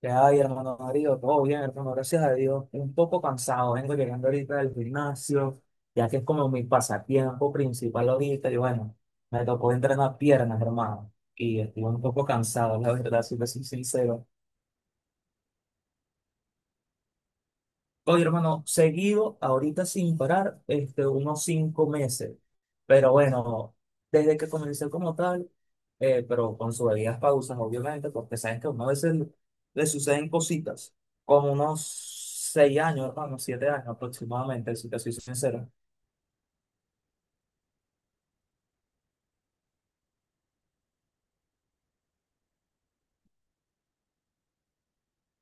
¿Qué hay, hermano Darío? Todo bien, hermano, gracias a Dios. Un poco cansado, vengo llegando ahorita del gimnasio, ya que es como mi pasatiempo principal ahorita. Y bueno, me tocó entrenar piernas, hermano, y estoy un poco cansado, la verdad, si te soy sincero. Oye, hermano, seguido, ahorita sin parar, unos 5 meses. Pero bueno, desde que comencé como tal, pero con sus debidas pausas, obviamente, porque saben que a uno a veces le suceden cositas, como unos 6 años, hermano, 7 años aproximadamente, si te soy sincero.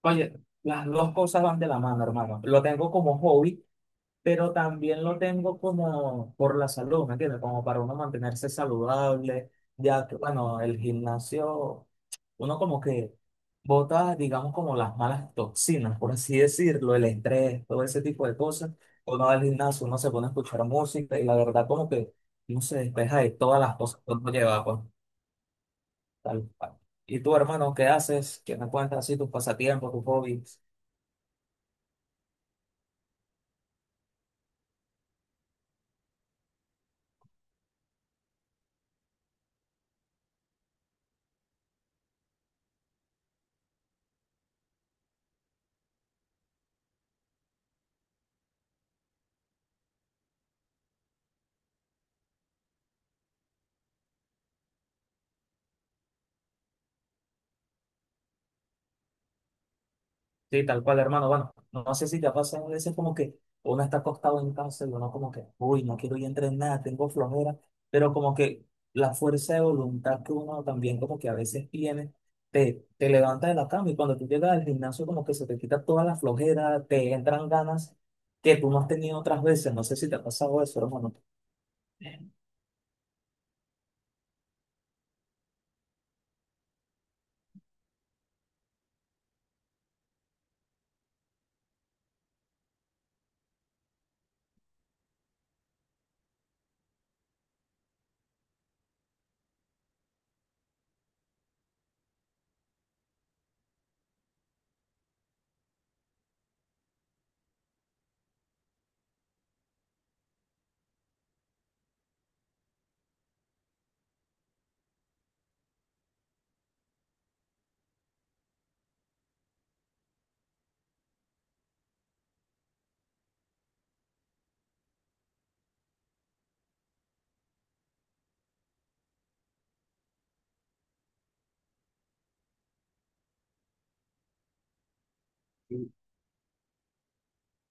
Oye, las dos cosas van de la mano, hermano. Lo tengo como hobby, pero también lo tengo como por la salud, ¿me entiendes? Como para uno mantenerse saludable, ya que, bueno, el gimnasio, uno como que bota, digamos, como las malas toxinas, por así decirlo, el estrés, todo ese tipo de cosas. Uno va al gimnasio, uno se pone a escuchar música y la verdad como que uno se despeja de todas las cosas que uno lleva, pues, tal cual. ¿Y tú, hermano, qué haces? ¿Qué me cuentas así tus pasatiempos, tus hobbies? Sí, tal cual, hermano. Bueno, no sé si te ha pasado a veces como que uno está acostado en casa y uno como que, uy, no quiero ir a entrenar, tengo flojera, pero como que la fuerza de voluntad que uno también como que a veces tiene, te levanta de la cama y cuando tú llegas al gimnasio como que se te quita toda la flojera, te entran ganas que tú no has tenido otras veces. No sé si te ha pasado eso, hermano.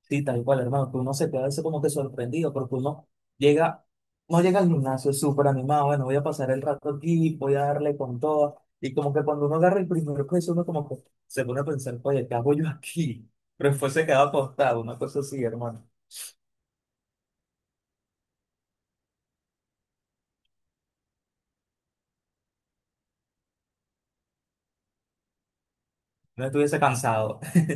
Sí, tal cual, hermano, que uno se queda a veces como que sorprendido, porque uno llega, no llega al gimnasio súper animado, bueno, voy a pasar el rato aquí, voy a darle con todo, y como que cuando uno agarra el primer peso, uno como que se pone a pensar, oye, ¿qué hago yo aquí? Pero después se queda acostado, una cosa así, hermano, no estuviese cansado,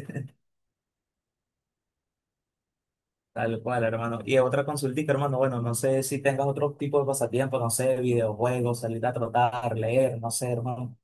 tal cual, hermano. Y otra consultita, hermano, bueno, no sé si tengas otro tipo de pasatiempo, no sé, videojuegos, salir a trotar, leer, no sé, hermano.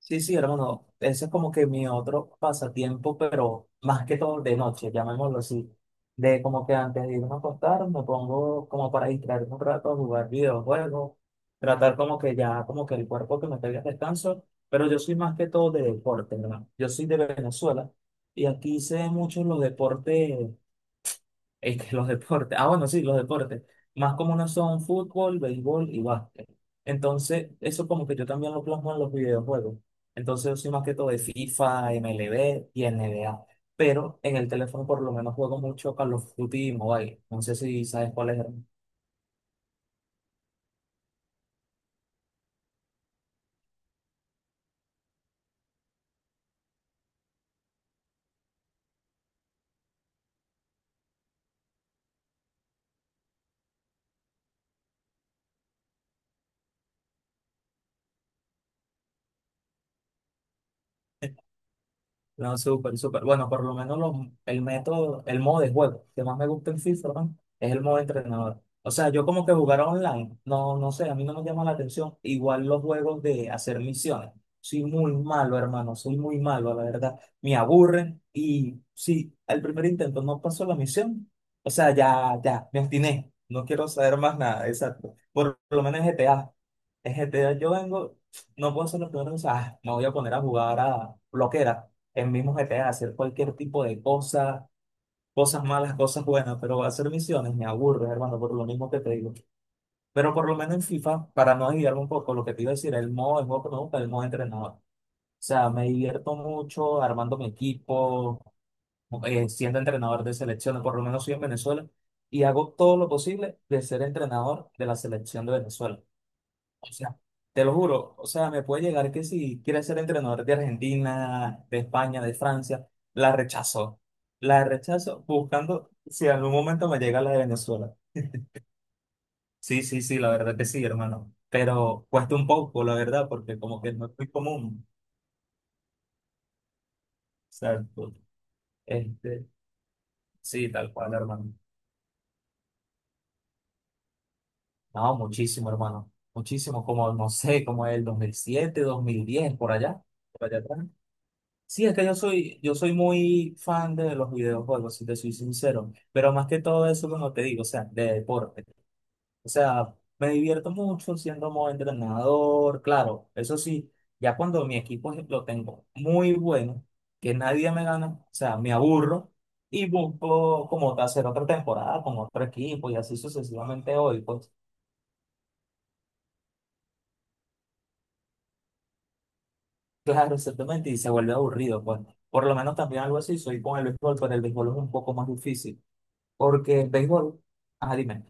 Sí, sí, hermano, ese es como que mi otro pasatiempo, pero más que todo de noche, llamémoslo así. De como que antes de irme a acostar, me pongo como para distraerme un rato a jugar videojuegos, tratar como que ya, como que el cuerpo que me pegue descanso, pero yo soy más que todo de deporte, hermano. Yo soy de Venezuela y aquí hice muchos los deportes los deportes. Ah, bueno, sí, los deportes. Más comunes son fútbol, béisbol y básquet. Entonces, eso como que yo también lo plasmo en los videojuegos. Entonces, yo soy más que todo de FIFA, MLB y NBA. Pero en el teléfono por lo menos juego mucho Call of Duty y Mobile. No sé si sabes cuál es. No, súper, súper. Bueno, por lo menos el método, el modo de juego que más me gusta en FIFA, ¿no?, es el modo de entrenador. O sea, yo como que jugar online, no, no sé, a mí no me llama la atención. Igual los juegos de hacer misiones. Soy muy malo, hermano, soy muy malo, la verdad. Me aburren y si al primer intento no pasó la misión, o sea, ya, ya, me obstiné. No quiero saber más nada, exacto. Por lo menos en GTA. En GTA yo vengo, no puedo hacer los primeros, o sea, me voy a poner a jugar a bloquera el mismo GTA, hacer cualquier tipo de cosa, cosas malas, cosas buenas, pero hacer misiones me aburre, hermano, por lo mismo que te digo. Pero por lo menos en FIFA, para no desviarme un poco, lo que te iba a decir, el modo que me gusta, el modo entrenador. O sea, me divierto mucho armando mi equipo, siendo entrenador de selecciones, por lo menos soy en Venezuela, y hago todo lo posible de ser entrenador de la selección de Venezuela. O sea, te lo juro, o sea, me puede llegar que si quiere ser entrenador de Argentina, de España, de Francia, la rechazo. La rechazo buscando si en algún momento me llega la de Venezuela. Sí, sí, sí, la verdad que sí, hermano. Pero cuesta un poco, la verdad, porque como que no es muy común. Exacto. Este, sí, tal cual, hermano. No, muchísimo, hermano. Muchísimo, como, no sé, como el 2007, 2010, por allá. Por allá atrás. Sí, es que yo soy muy fan de los videojuegos, si te soy sincero, pero más que todo eso, como te digo, o sea, de deporte. O sea, me divierto mucho siendo modo entrenador, claro, eso sí, ya cuando mi equipo lo tengo muy bueno, que nadie me gana, o sea, me aburro y busco como hacer otra temporada con otro equipo y así sucesivamente hoy, pues, claro, exactamente, y se vuelve aburrido, pues. Por lo menos también algo así, soy con el béisbol, pero el béisbol es un poco más difícil. Porque el béisbol, ajá, dime,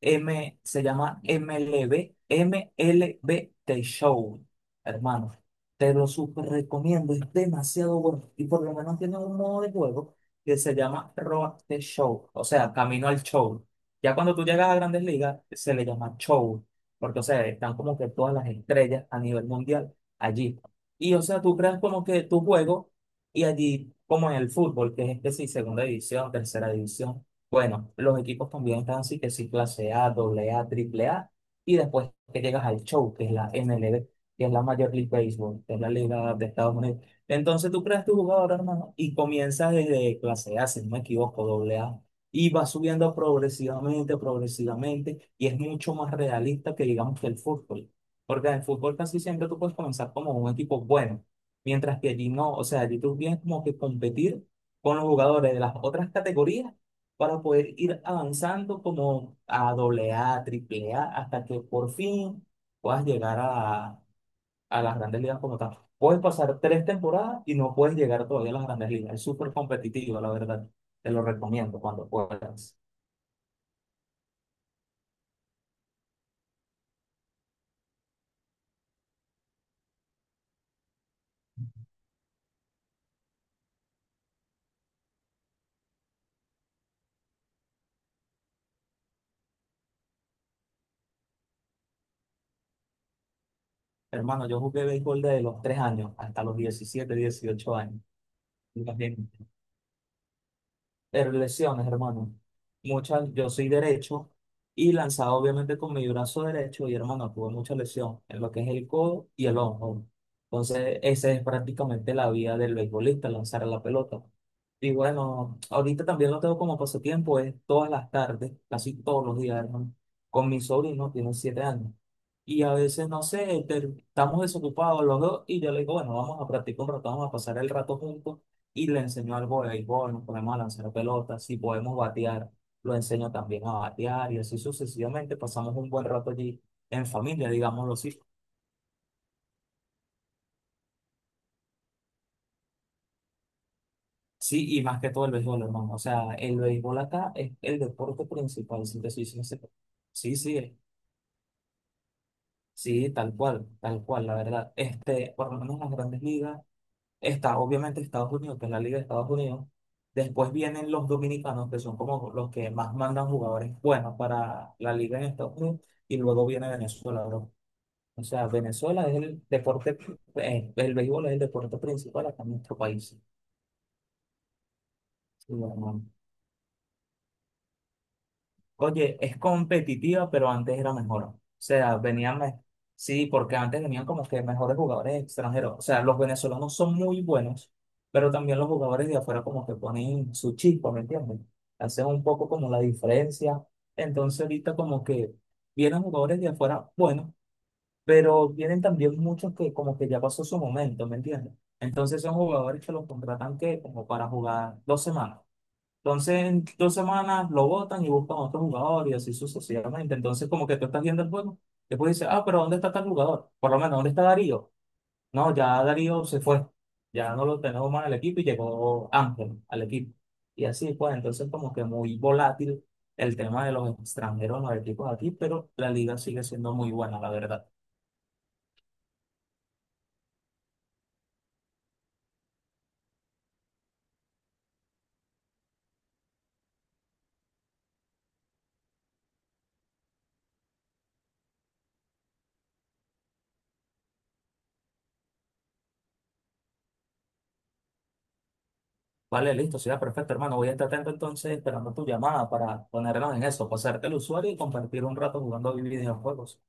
Se llama MLB, MLB Show, hermano. Te lo súper recomiendo, es demasiado bueno. Y por lo menos tiene un modo de juego que se llama Road to Show, o sea, camino al show. Ya cuando tú llegas a Grandes Ligas, se le llama show, porque, o sea, están como que todas las estrellas a nivel mundial allí. Y, o sea, tú creas como que tu juego y allí, como en el fútbol, que es este sí, segunda división, tercera división. Bueno, los equipos también están así, que sí, clase A, doble A, triple A, y después que llegas al show, que es la MLB, que es la Major League Baseball, que es la liga de Estados Unidos. Entonces tú creas tu jugador, hermano, y comienzas desde clase A, si no me equivoco, doble A, y vas subiendo progresivamente, progresivamente, y es mucho más realista que digamos que el fútbol, porque en el fútbol casi siempre tú puedes comenzar como un equipo bueno, mientras que allí no, o sea, allí tú vienes como que competir con los jugadores de las otras categorías para poder ir avanzando como a doble A, triple A, hasta que por fin puedas llegar a, las grandes ligas como tal. Puedes pasar 3 temporadas y no puedes llegar todavía a las grandes ligas. Es súper competitivo, la verdad. Te lo recomiendo cuando puedas. Hermano, yo jugué béisbol desde los 3 años hasta los 17, 18 años. Imagínate. Lesiones, hermano. Muchas, yo soy derecho y lanzado obviamente con mi brazo derecho y, hermano, tuve mucha lesión en lo que es el codo y el hombro. Entonces, esa es prácticamente la vida del beisbolista, lanzar la pelota. Y bueno, ahorita también lo tengo como pasatiempo, es todas las tardes, casi todos los días, hermano, con mi sobrino, tiene 7 años. Y a veces, no sé, estamos desocupados los dos y yo le digo, bueno, vamos a practicar un rato, vamos a pasar el rato juntos y le enseño algo de béisbol, nos ponemos a lanzar pelotas, si podemos batear, lo enseño también a batear y así sucesivamente pasamos un buen rato allí en familia, digámoslo así. Sí, y más que todo el béisbol, hermano. O sea, el béisbol acá es el deporte principal, si te soy sincero. Sí, sí, sí, tal cual, la verdad. Por lo menos en las grandes ligas. Está obviamente Estados Unidos, que es la Liga de Estados Unidos. Después vienen los dominicanos, que son como los que más mandan jugadores buenos para la Liga en Estados Unidos. Y luego viene Venezuela, bro. O sea, Venezuela es el deporte, el béisbol es el deporte principal acá en nuestro país. Sí, hermano. Oye, es competitiva, pero antes era mejor. O sea, venían, sí, porque antes venían como que mejores jugadores extranjeros. O sea, los venezolanos son muy buenos, pero también los jugadores de afuera como que ponen su chispa, ¿me entiendes? Hacen un poco como la diferencia. Entonces ahorita como que vienen jugadores de afuera buenos, pero vienen también muchos que como que ya pasó su momento, ¿me entiendes? Entonces son jugadores que los contratan que como para jugar 2 semanas. Entonces, en 2 semanas lo botan y buscan otro jugador y así sucesivamente. Entonces, como que tú estás viendo el juego, después dices, ah, pero ¿dónde está tal jugador? Por lo menos, ¿dónde está Darío? No, ya Darío se fue. Ya no lo tenemos más en el equipo y llegó Ángel al equipo. Y así pues, entonces como que muy volátil el tema de los extranjeros en los equipos aquí, pero la liga sigue siendo muy buena, la verdad. Vale, listo, será perfecto, hermano. Voy a estar atento entonces esperando tu llamada para ponernos en eso, pasarte el usuario y compartir un rato jugando videojuegos.